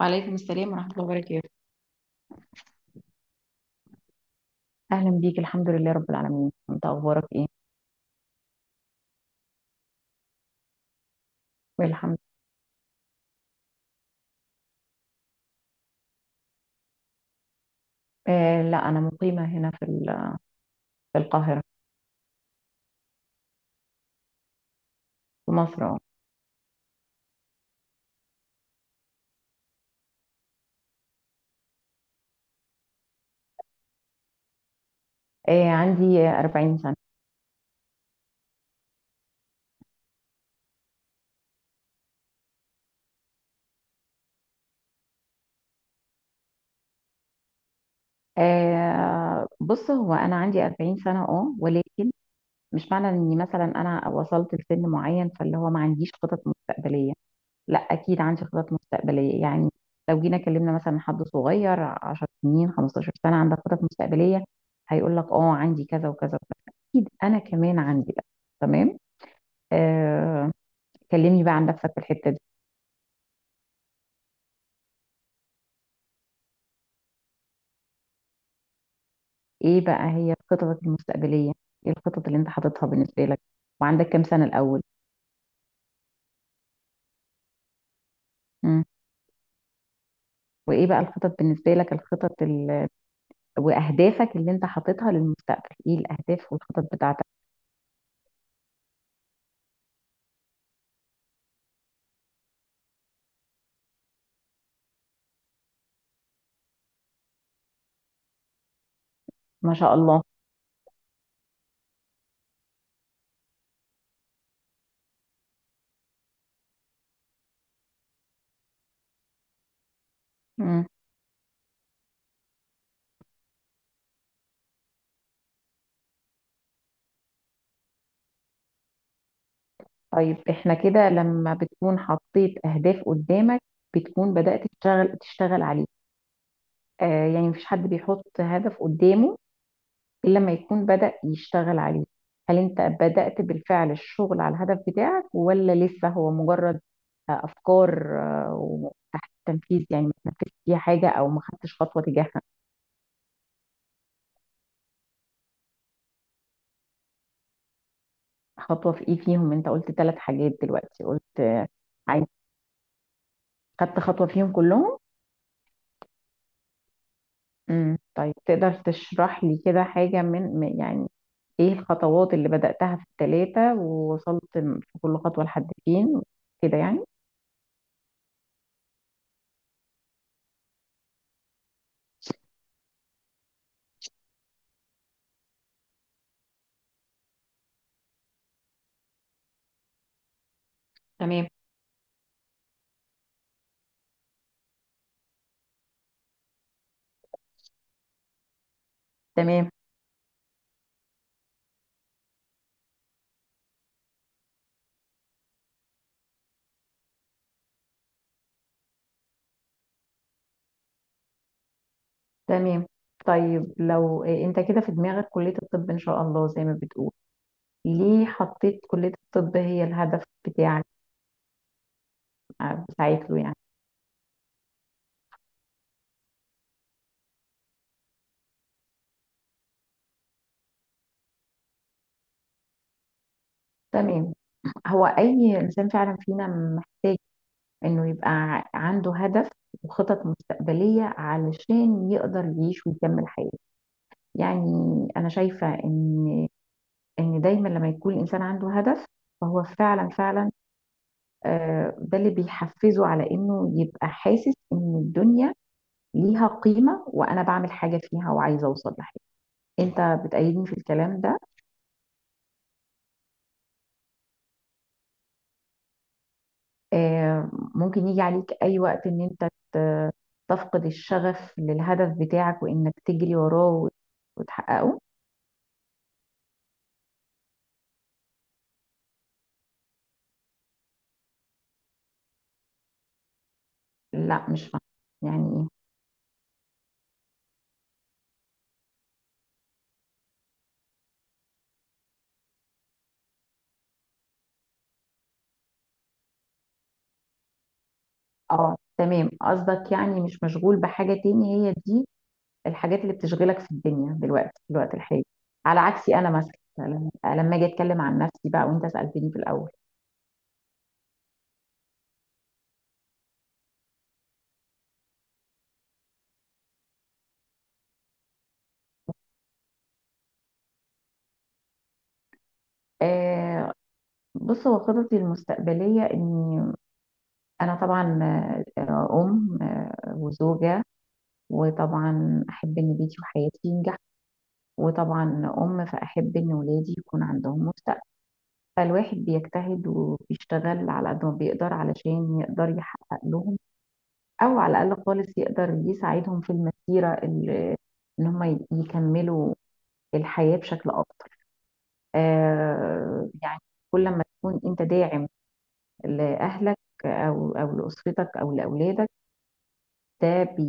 وعليكم السلام ورحمة الله وبركاته. أهلا بيك، الحمد لله رب العالمين. أنت أخبارك إيه؟ الحمد. آه، لا، أنا مقيمة هنا في القاهرة. في مصر، أه. آه، عندي 40 سنة. آه، بص، هو أنا عندي 40 سنة ولكن مش معنى إني مثلا أنا وصلت لسن معين فاللي هو ما عنديش خطط مستقبلية. لا، اكيد عندي خطط مستقبليه، يعني لو جينا كلمنا مثلا حد صغير 10 سنين، 15 سنه، عندك خطط مستقبليه، هيقول لك: اه، عندي كذا وكذا وكذا. اكيد انا كمان عندي بقى. تمام. آه. كلمني بقى عن نفسك في الحته دي. ايه بقى هي خططك المستقبليه؟ ايه الخطط اللي انت حاططها بالنسبه لك؟ وعندك كام سنه الاول؟ مم. وايه بقى الخطط بالنسبه لك؟ الخطط واهدافك اللي انت حاططها للمستقبل، ايه الاهداف والخطط بتاعتك؟ ما شاء الله. طيب احنا كده لما بتكون حطيت اهداف قدامك، بتكون بدأت تشتغل عليه. يعني مفيش حد بيحط هدف قدامه الا لما يكون بدأ يشتغل عليه. هل انت بدأت بالفعل الشغل على الهدف بتاعك، ولا لسه هو مجرد افكار وتحت التنفيذ؟ يعني ما تنفذتش فيها حاجة او ما خدتش خطوة تجاهها. خطوة في ايه فيهم؟ انت قلت ثلاث حاجات دلوقتي، قلت آه، عايز خدت خطوة فيهم كلهم؟ طيب، تقدر تشرح لي كده حاجة يعني ايه الخطوات اللي بدأتها في التلاتة، ووصلت في كل خطوة لحد فين، كده يعني؟ تمام، تمام، تمام. طيب، لو إيه انت كده في دماغك كلية الطب ان شاء الله زي ما بتقول، ليه حطيت كلية الطب هي الهدف بتاعك، بتاعت له يعني؟ تمام. هو اي انسان فعلا فينا محتاج انه يبقى عنده هدف وخطط مستقبلية علشان يقدر يعيش ويكمل حياته، يعني. انا شايفة ان دايما لما يكون الانسان عنده هدف، فهو فعلا فعلا، ده اللي بيحفزه على انه يبقى حاسس ان الدنيا ليها قيمة، وانا بعمل حاجة فيها وعايزة اوصل لحاجة. انت بتأيدني في الكلام ده؟ ممكن يجي عليك اي وقت ان انت ت- تفقد الشغف للهدف بتاعك، وانك تجري وراه وتحققه؟ لا، مش فاهمة. يعني ايه؟ اه، تمام. قصدك يعني مش مشغول بحاجة تاني، هي دي الحاجات اللي بتشغلك في الدنيا دلوقتي في الوقت الحالي، على عكسي انا مثلا لما اجي اتكلم عن نفسي بقى، وانت سالتني في الاول. آه بص، هو خططي المستقبليه اني انا طبعا آه، آه، ام آه، وزوجه، وطبعا احب ان بيتي وحياتي ينجح. وطبعا فاحب ان ولادي يكون عندهم مستقبل. فالواحد بيجتهد وبيشتغل على قد ما بيقدر علشان يقدر يحقق لهم، او على الاقل خالص يقدر يساعدهم في المسيره ان هم يكملوا الحياه بشكل افضل. يعني كل ما تكون انت داعم لاهلك او لاسرتك او لاولادك، ده بي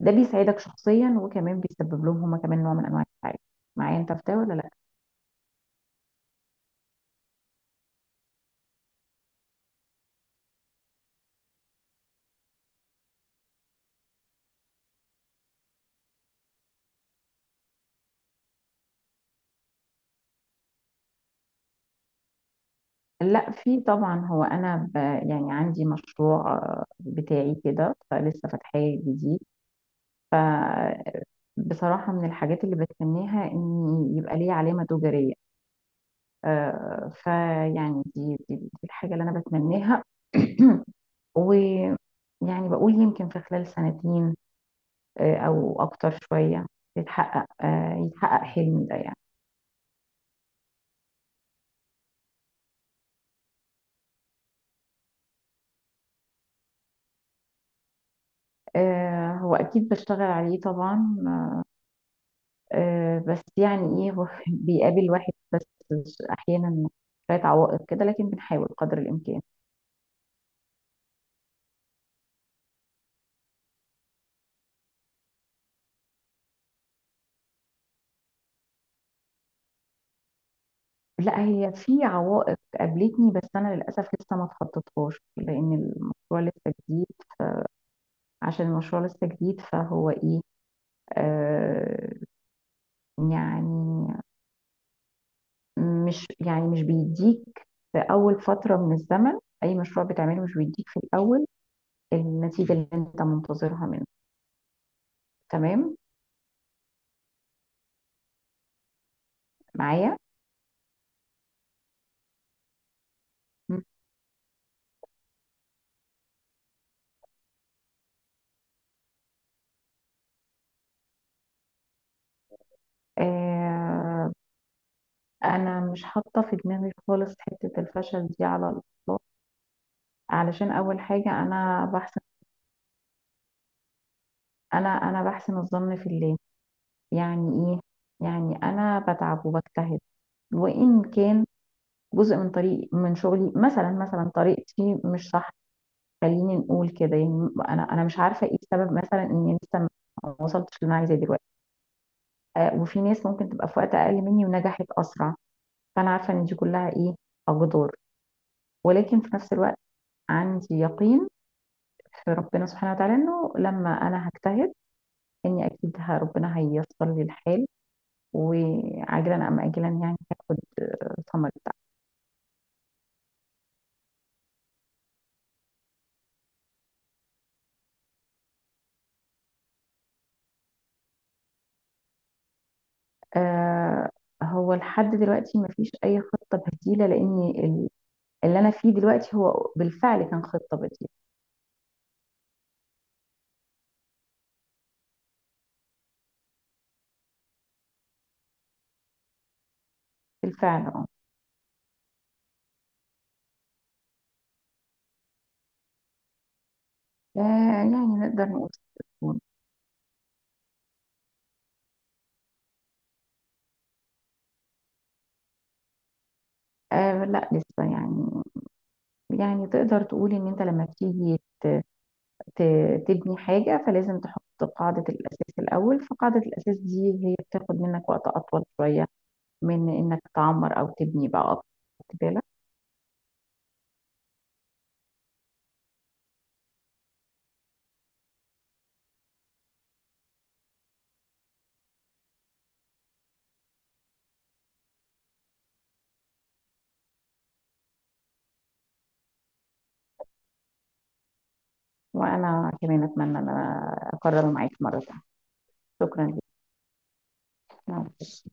ده بيساعدك شخصيا، وكمان بيسبب لهم هم كمان نوع من انواع السعاده. معايا انت في ده ولا لا؟ لا، في طبعا. هو انا يعني عندي مشروع بتاعي كده، فلسه فاتحاه جديد. ف بصراحة، من الحاجات اللي بتمنيها إن يبقى ليه علامة تجارية. فيعني دي الحاجة اللي أنا بتمنيها. ويعني بقول يمكن في خلال سنتين، أو أكتر شوية، يتحقق حلمي ده يعني. هو أكيد بشتغل عليه طبعا. بس يعني إيه هو بيقابل واحد بس أحيانا شوية عوائق كده، لكن بنحاول قدر الإمكان. لا، هي في عوائق قابلتني، بس انا للاسف لسه ما اتخطيتهاش لان المشروع لسه جديد. عشان المشروع لسه جديد، فهو ايه، آه يعني، مش يعني مش بيديك في اول فتره من الزمن. اي مشروع بتعمله مش بيديك في الاول النتيجه اللي انت منتظرها منه. تمام. معايا؟ مم. آه انا مش حاطه في دماغي خالص حته الفشل دي على الاطلاق. علشان اول حاجه، انا بحسن. انا بحسن الظن في الله. يعني ايه؟ يعني انا بتعب وبجتهد، وان كان جزء من طريق من شغلي مثلا طريقتي مش صح، خليني نقول كده، يعني انا مش عارفه ايه السبب مثلا اني لسه ما وصلتش اللي انا عايزاه دلوقتي. وفي ناس ممكن تبقى في وقت اقل مني ونجحت اسرع، فانا عارفه ان دي كلها ايه، اقدار. ولكن في نفس الوقت، عندي يقين في ربنا سبحانه وتعالى انه لما انا هجتهد، اني اكيد ربنا هييسر لي الحال، وعاجلا ام اجلا يعني هاخد ثمر. آه هو لحد دلوقتي مفيش أي خطة بديلة، لأن اللي أنا فيه دلوقتي هو بالفعل كان خطة بديلة. بالفعل، اه. يعني نقدر نقول تكون. آه، لا، لسه، يعني. يعني تقدر تقول إن أنت لما بتيجي تبني حاجة فلازم تحط قاعدة الأساس الأول، فقاعدة الأساس دي هي بتاخد منك وقت أطول شوية من إنك تعمر أو تبني بقى أكتر. خدت بالك؟ وأنا كمان أتمنى إن أنا أكرر معاك مرة تانية. شكرا لك.